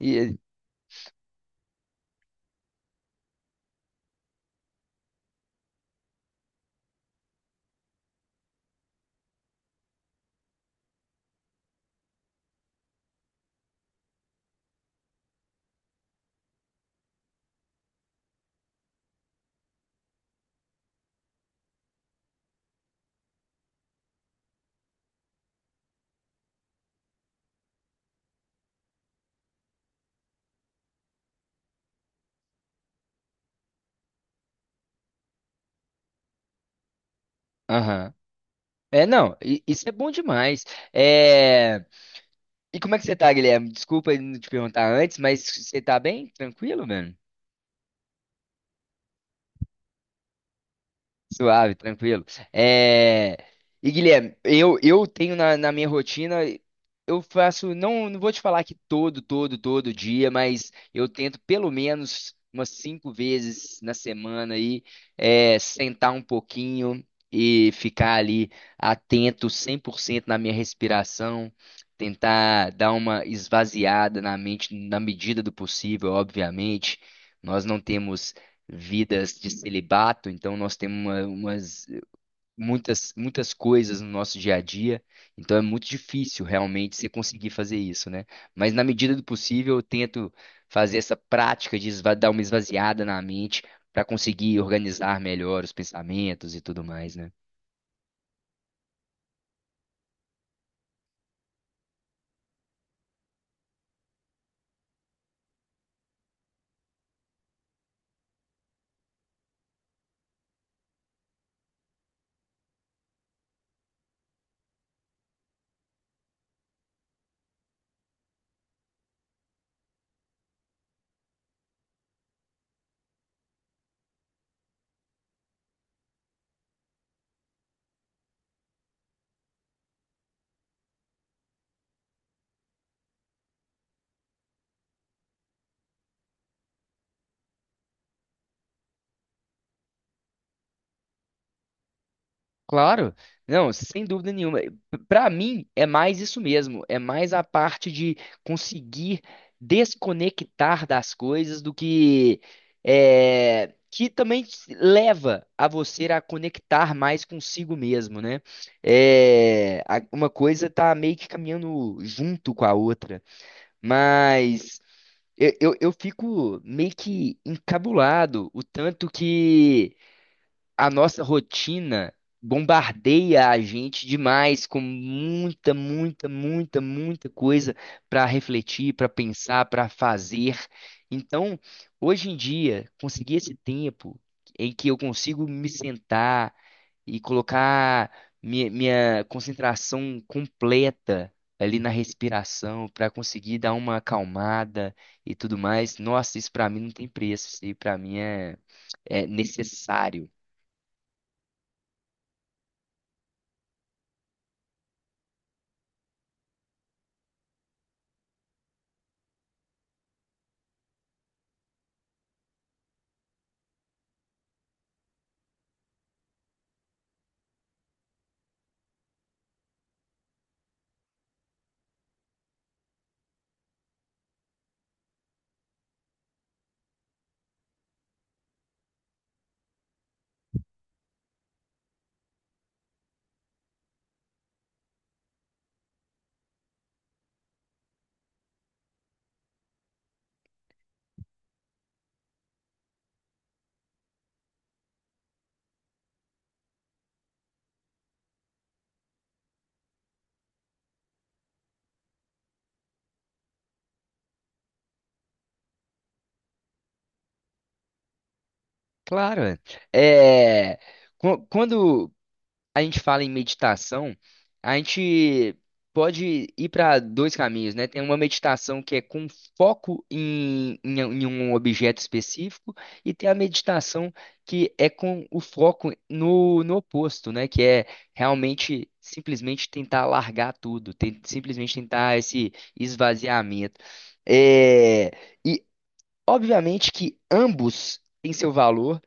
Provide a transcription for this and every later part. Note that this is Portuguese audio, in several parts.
E, aham. É, não, isso é bom demais. É... E como é que você tá, Guilherme? Desculpa não te perguntar antes, mas você tá bem? Tranquilo, velho? Suave, tranquilo. É... E Guilherme, eu tenho na minha rotina, eu faço, não, não vou te falar que todo dia, mas eu tento pelo menos umas cinco vezes na semana aí, sentar um pouquinho e ficar ali atento 100% na minha respiração, tentar dar uma esvaziada na mente na medida do possível, obviamente. Nós não temos vidas de celibato, então nós temos umas muitas muitas coisas no nosso dia a dia, então é muito difícil realmente você conseguir fazer isso, né? Mas na medida do possível eu tento fazer essa prática de dar uma esvaziada na mente para conseguir organizar melhor os pensamentos e tudo mais, né? Claro, não, sem dúvida nenhuma. Para mim é mais isso mesmo, é mais a parte de conseguir desconectar das coisas do que que também te leva a você a conectar mais consigo mesmo, né? É, uma coisa tá meio que caminhando junto com a outra, mas eu fico meio que encabulado o tanto que a nossa rotina bombardeia a gente demais com muita, muita, muita, muita coisa para refletir, para pensar, para fazer. Então, hoje em dia, conseguir esse tempo em que eu consigo me sentar e colocar minha concentração completa ali na respiração para conseguir dar uma acalmada e tudo mais. Nossa, isso para mim não tem preço, isso aí para mim é necessário. Claro, é. É, quando a gente fala em meditação, a gente pode ir para dois caminhos, né? Tem uma meditação que é com foco em um objeto específico, e tem a meditação que é com o foco no oposto, né? Que é realmente simplesmente tentar largar tudo, simplesmente tentar esse esvaziamento. É, e obviamente que ambos têm seu valor.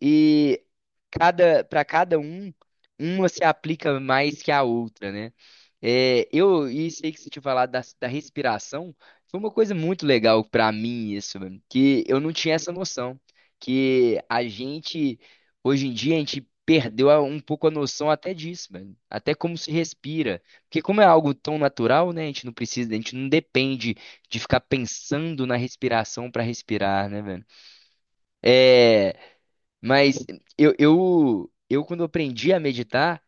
E cada para cada um, uma se aplica mais que a outra, né? É, eu e sei que você tinha falado da respiração, foi uma coisa muito legal pra mim isso, mano, que eu não tinha essa noção, que a gente hoje em dia a gente perdeu um pouco a noção até disso, mano, até como se respira, porque como é algo tão natural, né? A gente não precisa, a gente não depende de ficar pensando na respiração pra respirar, né, mas eu quando aprendi a meditar,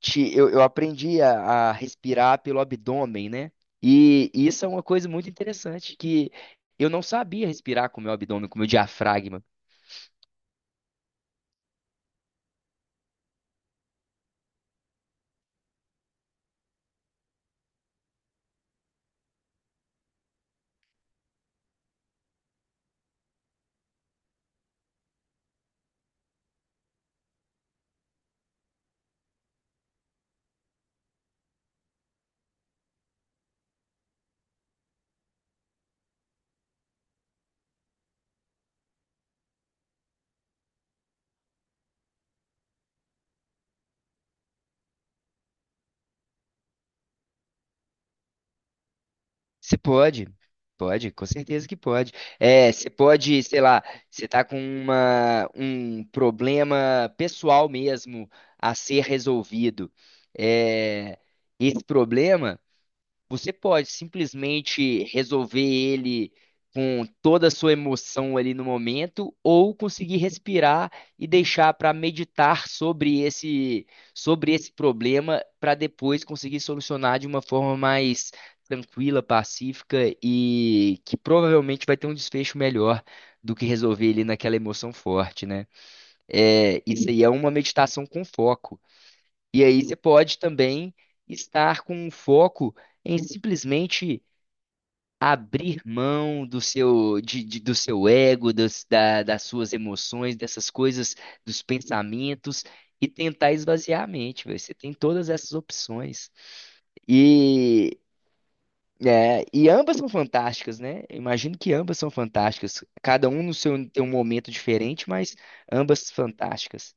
eu aprendi a respirar pelo abdômen, né? E isso é uma coisa muito interessante, que eu não sabia respirar com o meu abdômen, com o meu diafragma. Você pode, pode, com certeza que pode. É, você pode, sei lá, você tá com um problema pessoal mesmo a ser resolvido. É, esse problema. Você pode simplesmente resolver ele com toda a sua emoção ali no momento, ou conseguir respirar e deixar para meditar sobre sobre esse problema para depois conseguir solucionar de uma forma mais tranquila, pacífica e que provavelmente vai ter um desfecho melhor do que resolver ele naquela emoção forte, né? É, isso aí é uma meditação com foco. E aí você pode também estar com um foco em simplesmente abrir mão do seu, do seu ego, das suas emoções, dessas coisas, dos pensamentos, e tentar esvaziar a mente, velho. Você tem todas essas opções. E, é, e ambas são fantásticas, né? Eu imagino que ambas são fantásticas. Cada um no seu, tem um momento diferente, mas ambas fantásticas.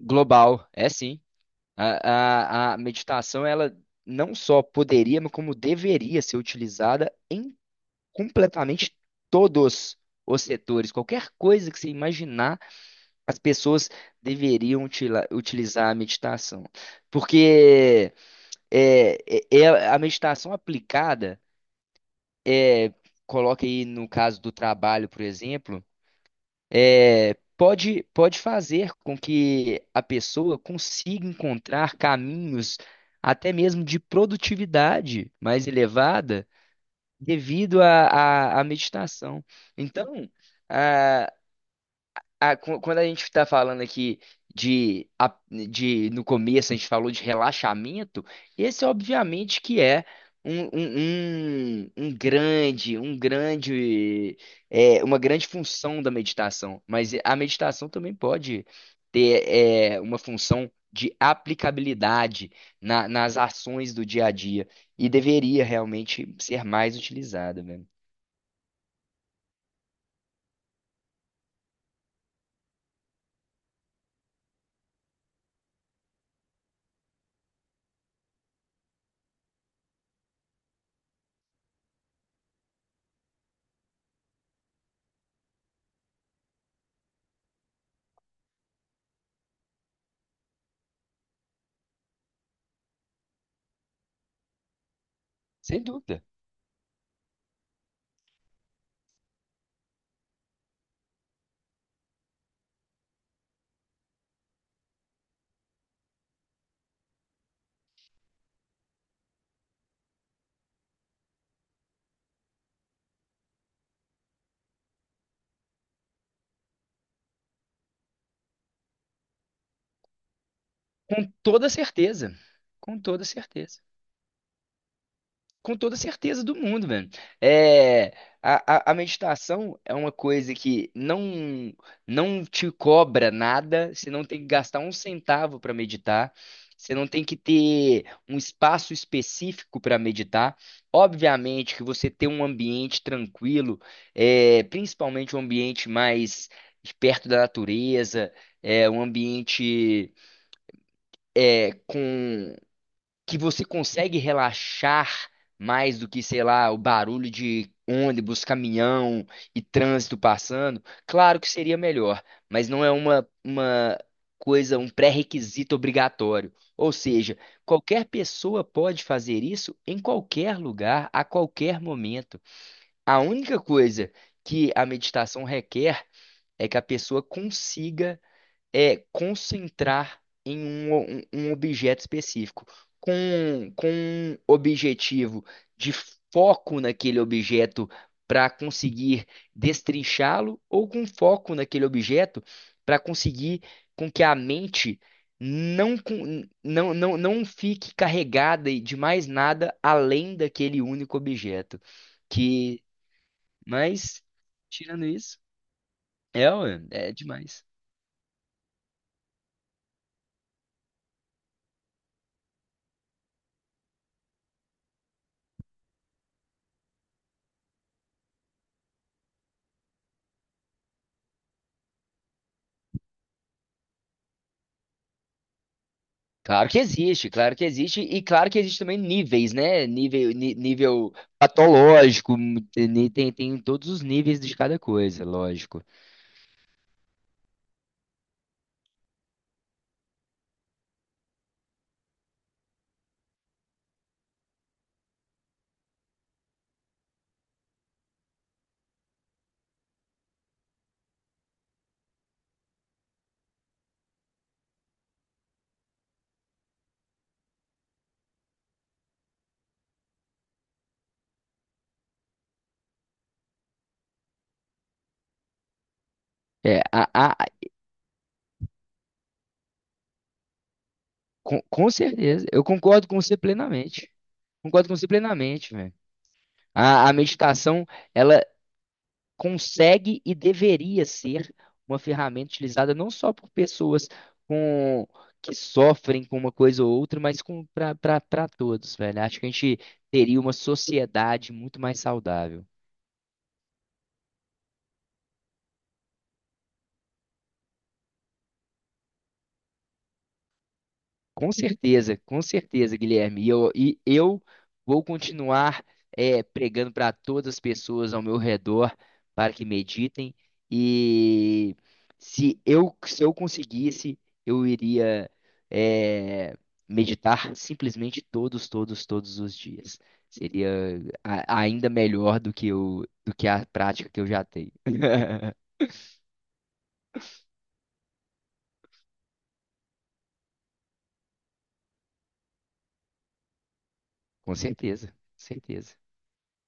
Global, é sim. A meditação, ela não só poderia, mas como deveria ser utilizada em completamente todos os setores. Qualquer coisa que você imaginar, as pessoas deveriam utilizar a meditação. Porque é a meditação aplicada, é, coloca aí no caso do trabalho, por exemplo. É, pode, pode fazer com que a pessoa consiga encontrar caminhos até mesmo de produtividade mais elevada devido à à meditação. Então, ah, quando a gente está falando aqui de, de no começo a gente falou de relaxamento, esse obviamente que é um grande, é, uma grande função da meditação. Mas a meditação também pode ter é, uma função de aplicabilidade nas ações do dia a dia e deveria realmente ser mais utilizada, mesmo. Sem dúvida. Com toda certeza. Com toda certeza. Com toda certeza do mundo, velho. É, a meditação é uma coisa que não te cobra nada, você não tem que gastar um centavo para meditar, você não tem que ter um espaço específico para meditar. Obviamente que você ter um ambiente tranquilo, é, principalmente um ambiente mais perto da natureza, é, um ambiente que você consegue relaxar mais do que, sei lá, o barulho de ônibus, caminhão e trânsito passando, claro que seria melhor, mas não é uma coisa, um pré-requisito obrigatório. Ou seja, qualquer pessoa pode fazer isso em qualquer lugar, a qualquer momento. A única coisa que a meditação requer é que a pessoa consiga é concentrar em um objeto específico, com um objetivo de foco naquele objeto para conseguir destrinchá-lo, ou com foco naquele objeto para conseguir com que a mente não fique carregada de mais nada além daquele único objeto. Que, mas, tirando isso, é, ué, é demais. Claro que existe, e claro que existe também níveis, né? Nível, nível patológico, tem, tem todos os níveis de cada coisa, lógico. É, com certeza, eu concordo com você plenamente. Concordo com você plenamente, velho. A meditação, consegue e deveria ser uma ferramenta utilizada não só por pessoas com que sofrem com uma coisa ou outra, mas com para todos, velho. Acho que a gente teria uma sociedade muito mais saudável. Com certeza, Guilherme. E eu vou continuar é, pregando para todas as pessoas ao meu redor para que meditem. E se eu conseguisse, eu iria é, meditar simplesmente todos os dias. Seria ainda melhor do que eu, do que a prática que eu já tenho. Com certeza, com certeza.